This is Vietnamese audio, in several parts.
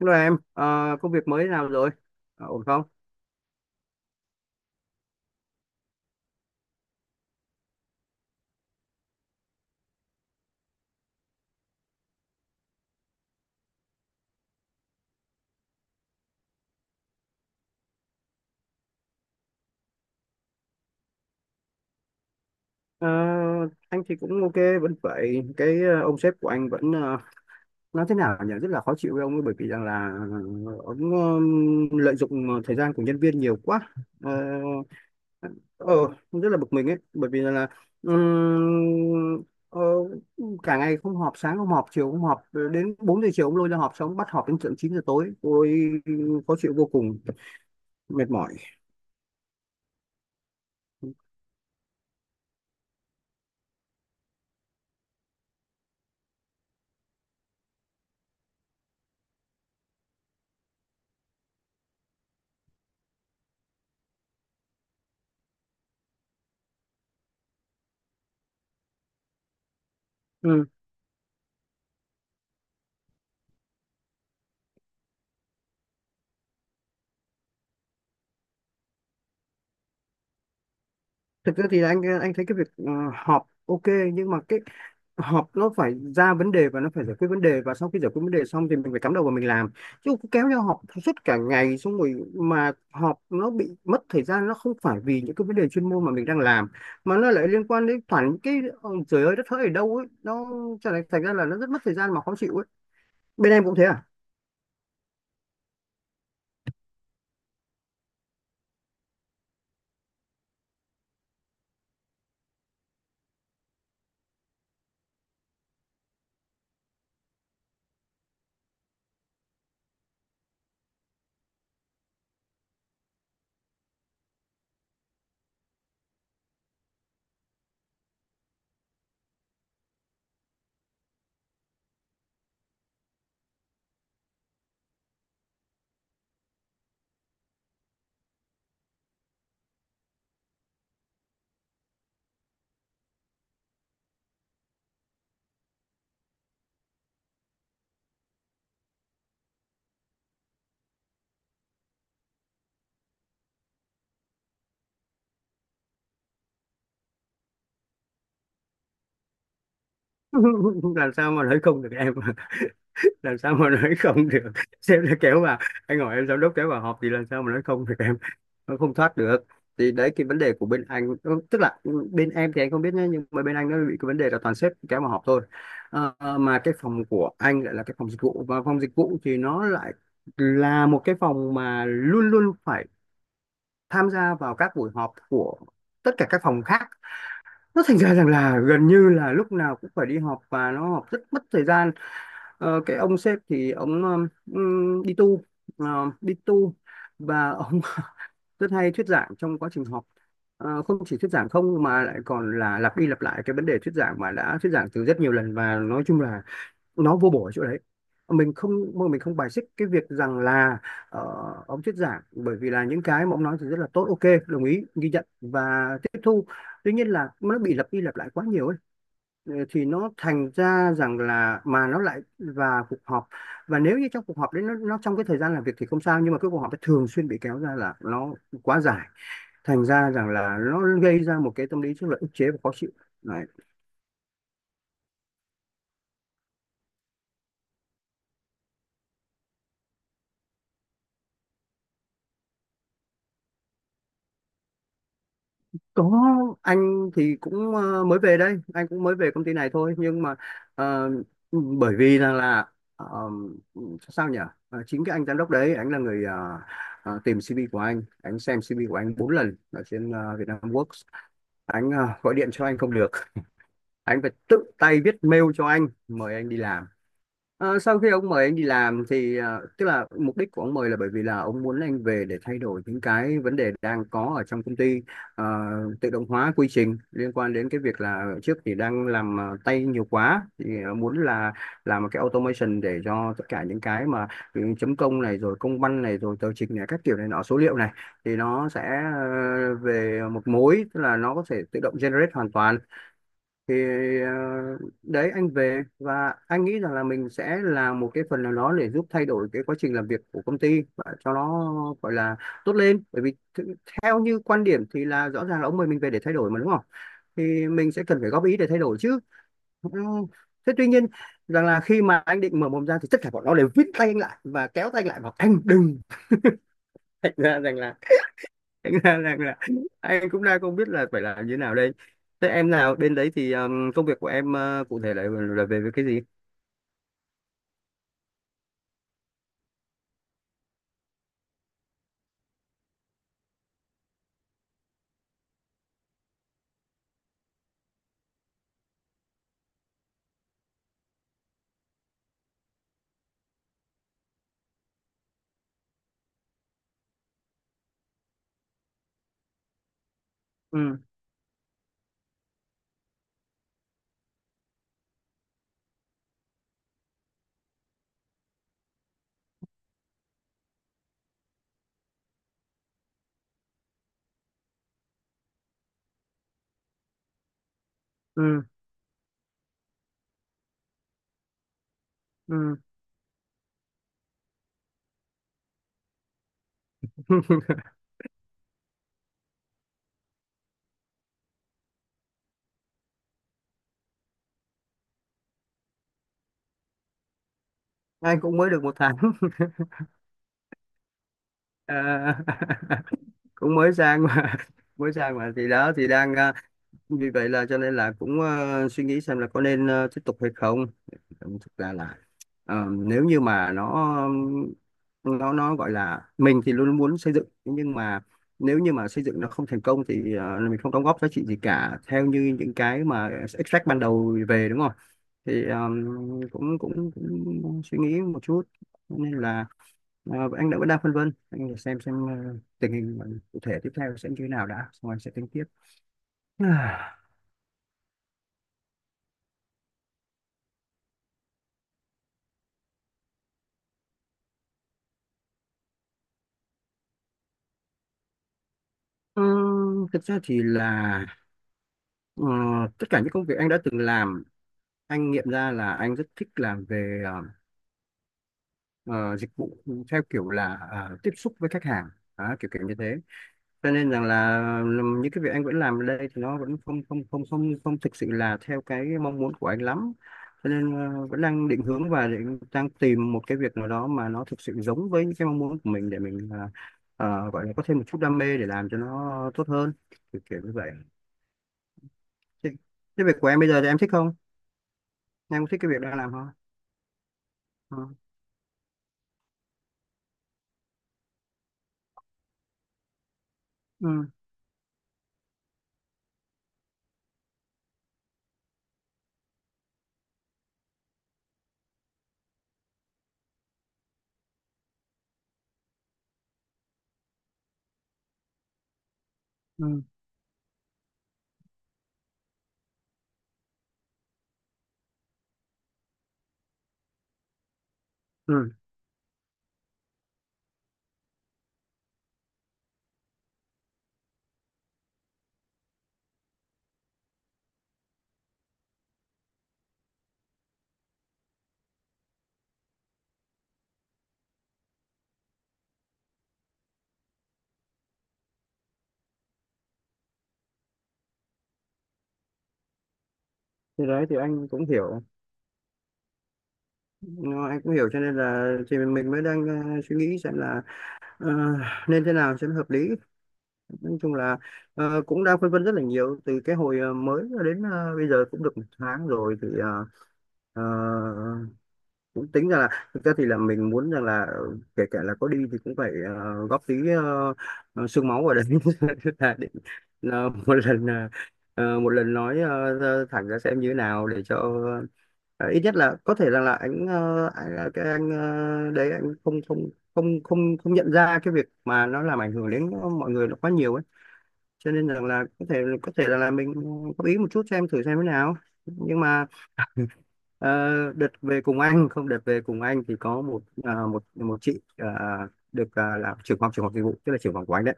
Hello em, công việc mới thế nào rồi? Ổn không? Ờ, anh thì cũng ok, vẫn vậy. Cái ông sếp của anh vẫn nói thế nào nhỉ? Rất là khó chịu với ông ấy, bởi vì rằng là ông lợi dụng thời gian của nhân viên nhiều quá. Ờ, ờ, Rất là bực mình ấy, bởi vì là ừm, ờ, cả ngày không họp, sáng không họp, chiều không họp, đến 4 giờ chiều ông lôi ra họp, xong bắt họp đến tận 9 giờ tối. Tôi khó chịu vô cùng, mệt mỏi. Thực ra thì anh thấy cái việc họp ok, nhưng mà cái họp nó phải ra vấn đề và nó phải giải quyết vấn đề, và sau khi giải quyết vấn đề xong thì mình phải cắm đầu vào mình làm, chứ cứ kéo nhau họp suốt cả ngày, xong rồi mà họp nó bị mất thời gian, nó không phải vì những cái vấn đề chuyên môn mà mình đang làm, mà nó lại liên quan đến toàn những cái trời ơi đất hỡi ở đâu ấy, nó trở thành thành ra là nó rất mất thời gian mà khó chịu ấy. Bên em cũng thế à? Làm sao mà nói không được em? Làm sao mà nói không được? Sếp đã kéo vào, anh hỏi em, giám đốc kéo vào họp thì làm sao mà nói không được em? Nó không thoát được. Thì đấy cái vấn đề của bên anh, tức là bên em thì anh không biết nhé, nhưng mà bên anh nó bị cái vấn đề là toàn sếp kéo vào họp thôi. Mà cái phòng của anh lại là cái phòng dịch vụ, và phòng dịch vụ thì nó lại là một cái phòng mà luôn luôn phải tham gia vào các buổi họp của tất cả các phòng khác. Nó thành ra rằng là gần như là lúc nào cũng phải đi họp, và nó họp rất mất thời gian. Cái ông sếp thì ông đi tu, và ông rất hay thuyết giảng trong quá trình học. Không chỉ thuyết giảng không, mà lại còn là lặp đi lặp lại cái vấn đề thuyết giảng mà đã thuyết giảng từ rất nhiều lần, và nói chung là nó vô bổ ở chỗ đấy. mình không mình không bài xích cái việc rằng là ờ, ông thuyết giảng, bởi vì là những cái mà ông nói thì rất là tốt, ok, đồng ý ghi nhận và tiếp thu. Tuy nhiên là nó bị lặp đi lặp lại quá nhiều ấy. Thì nó thành ra rằng là, mà nó lại và cuộc họp, và nếu như trong cuộc họp đấy nó trong cái thời gian làm việc thì không sao, nhưng mà cái cuộc họp ấy thường xuyên bị kéo ra là nó quá dài, thành ra rằng là nó gây ra một cái tâm lý rất là ức chế và khó chịu đấy. Có, anh thì cũng mới về đây, anh cũng mới về công ty này thôi, nhưng mà ờ, bởi vì rằng là ờ, sao nhỉ? Chính cái anh giám đốc đấy, anh là người tìm CV của anh xem CV của anh 4 lần ở trên Vietnamworks. Anh, gọi điện cho anh không được, anh phải tự tay viết mail cho anh mời anh đi làm. Sau khi ông mời anh đi làm thì tức là mục đích của ông mời là bởi vì là ông muốn anh về để thay đổi những cái vấn đề đang có ở trong công ty. Ờ, Tự động hóa quy trình liên quan đến cái việc là trước thì đang làm tay nhiều quá, thì muốn là làm một cái automation để cho tất cả những cái mà chấm công này rồi công văn này rồi tờ trình này các kiểu này nọ số liệu này, thì nó sẽ về một mối, tức là nó có thể tự động generate hoàn toàn. Thì ờ, đấy anh về, và anh nghĩ rằng là mình sẽ làm một cái phần nào đó để giúp thay đổi cái quá trình làm việc của công ty và cho nó, gọi là, tốt lên. Bởi vì theo như quan điểm thì là rõ ràng là ông mời mình về để thay đổi mà đúng không? Thì mình sẽ cần phải góp ý để thay đổi chứ. Ừ. Thế tuy nhiên rằng là khi mà anh định mở mồm ra thì tất cả bọn nó đều vít tay anh lại và kéo tay anh lại bảo anh đừng. Thành ra rằng là, thành ra là anh cũng đang không biết là phải làm như thế nào đây. Thế em nào bên đấy thì công việc của em, cụ thể là về, cái gì? Ừ, ừ, ừ. Anh cũng mới được một tháng. Ờ, Cũng mới sang mà, thì đó thì đang. Vì vậy là cho nên là cũng suy nghĩ xem là có nên tiếp tục hay không. Thực ra là nếu như mà nó gọi là mình thì luôn muốn xây dựng, nhưng mà nếu như mà xây dựng nó không thành công thì mình không đóng góp giá trị gì cả theo như những cái mà extract ban đầu về, đúng không? Thì cũng, cũng cũng suy nghĩ một chút. Cho nên là anh đã vẫn đang phân vân, anh xem tình hình cụ thể tiếp theo sẽ như thế nào đã, xong anh sẽ tính tiếp. Ờ, Thực ra thì là ờ, tất cả những công việc anh đã từng làm, anh nghiệm ra là anh rất thích làm về ờ, dịch vụ, theo kiểu là tiếp xúc với khách hàng. Đó, kiểu kiểu như thế. Cho nên rằng là những cái việc anh vẫn làm ở đây thì nó vẫn không không không không không thực sự là theo cái mong muốn của anh lắm. Cho nên vẫn đang định hướng và đang tìm một cái việc nào đó mà nó thực sự giống với những cái mong muốn của mình, để mình gọi là có thêm một chút đam mê để làm cho nó tốt hơn, kiểu kiểu như vậy. Thế, thế, việc của em bây giờ thì em thích không? Em có thích cái việc đang làm không? Ừ. Ừ. Ừ. Ừ. Thì đấy thì anh cũng hiểu. Nó, anh cũng hiểu, cho nên là thì mình mới đang suy nghĩ xem là ờ, nên thế nào cho nó hợp lý. Nói chung là cũng đang phân vân rất là nhiều từ cái hồi mới đến, bây giờ cũng được một tháng rồi, thì ờ, cũng tính ra là thực ra thì là mình muốn rằng là kể cả là có đi thì cũng phải góp tí xương máu vào đấy. Là để một lần, một lần nói thẳng ra xem như thế nào, để cho ờ, ít nhất là có thể rằng là anh, đấy, anh không không không không không nhận ra cái việc mà nó làm ảnh hưởng đến mọi người nó quá nhiều ấy, cho nên rằng là có thể rằng là mình góp ý một chút, xem thử xem thế nào, nhưng mà. Ờ, đợt về cùng anh không Đợt về cùng anh thì có một chị, là trưởng phòng dịch vụ, tức là trưởng phòng của anh đấy,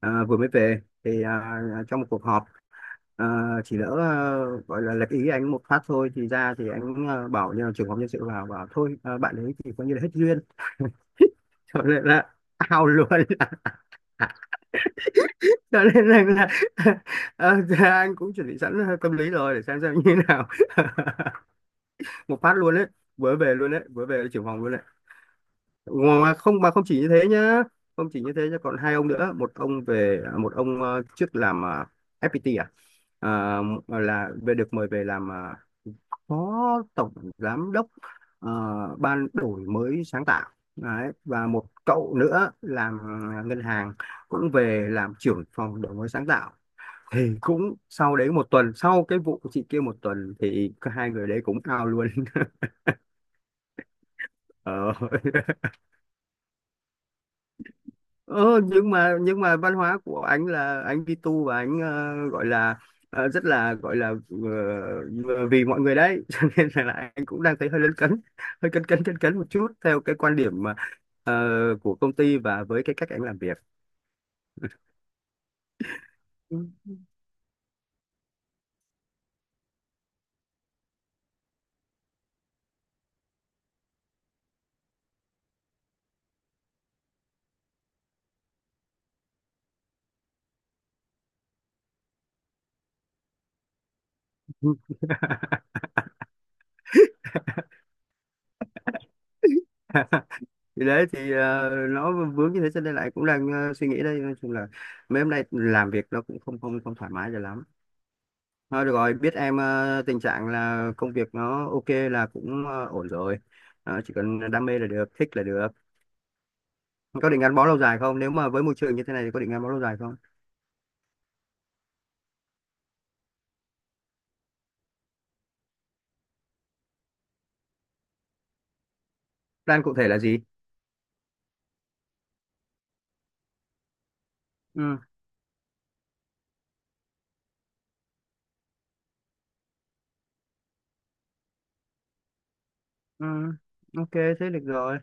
vừa mới về thì, trong một cuộc họp, à, chỉ lỡ, gọi là lệch ý anh một phát thôi, thì ra thì anh, bảo như là trưởng phòng nhân sự vào bảo thôi, bạn ấy thì coi như là hết duyên. Cho nên là ao luôn. Cho nên là, anh cũng chuẩn bị sẵn tâm lý rồi để xem như thế nào. Một phát luôn đấy, vớ về luôn đấy, vớ về là trưởng phòng luôn đấy. Mà không chỉ như thế nhá, không chỉ như thế nhá còn hai ông nữa. Một ông về, một ông trước làm FPT, Ờ, là về được mời về làm phó tổng giám đốc, ờ, ban đổi mới sáng tạo đấy. Và một cậu nữa làm ngân hàng cũng về làm trưởng phòng đổi mới sáng tạo. Thì cũng sau đấy một tuần, sau cái vụ chị kia một tuần, thì cả hai người đấy cũng out luôn. ờ Ờ, nhưng mà văn hóa của anh là anh đi tu, và anh gọi là, rất là, gọi là, ờ, vì mọi người đấy. Cho nên là anh cũng đang thấy hơi lấn cấn, hơi cấn cấn cấn cấn một chút, theo cái quan điểm mà, ờ, của công ty và với cái cách anh làm việc. Ừ. Thì đấy thì nó vướng như thế, cho nên là anh cũng đang suy nghĩ đây. Nói chung là mấy hôm nay làm việc nó cũng không không không thoải mái cho lắm. Thôi được rồi, biết em tình trạng là công việc nó ok là cũng ổn rồi. Chỉ cần đam mê là được, thích là được. Có định gắn bó lâu dài không? Nếu mà với môi trường như thế này thì có định gắn bó lâu dài không? Plan cụ thể là gì? Ừ, ừ, ok, thế được rồi.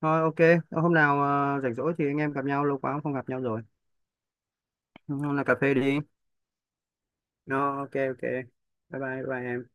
Thôi ok, hôm nào rảnh rỗi thì anh em gặp nhau, lâu quá cũng không gặp nhau rồi. Hôm nào cà phê đi. Nó ok ok. Bye bye, bye bye em.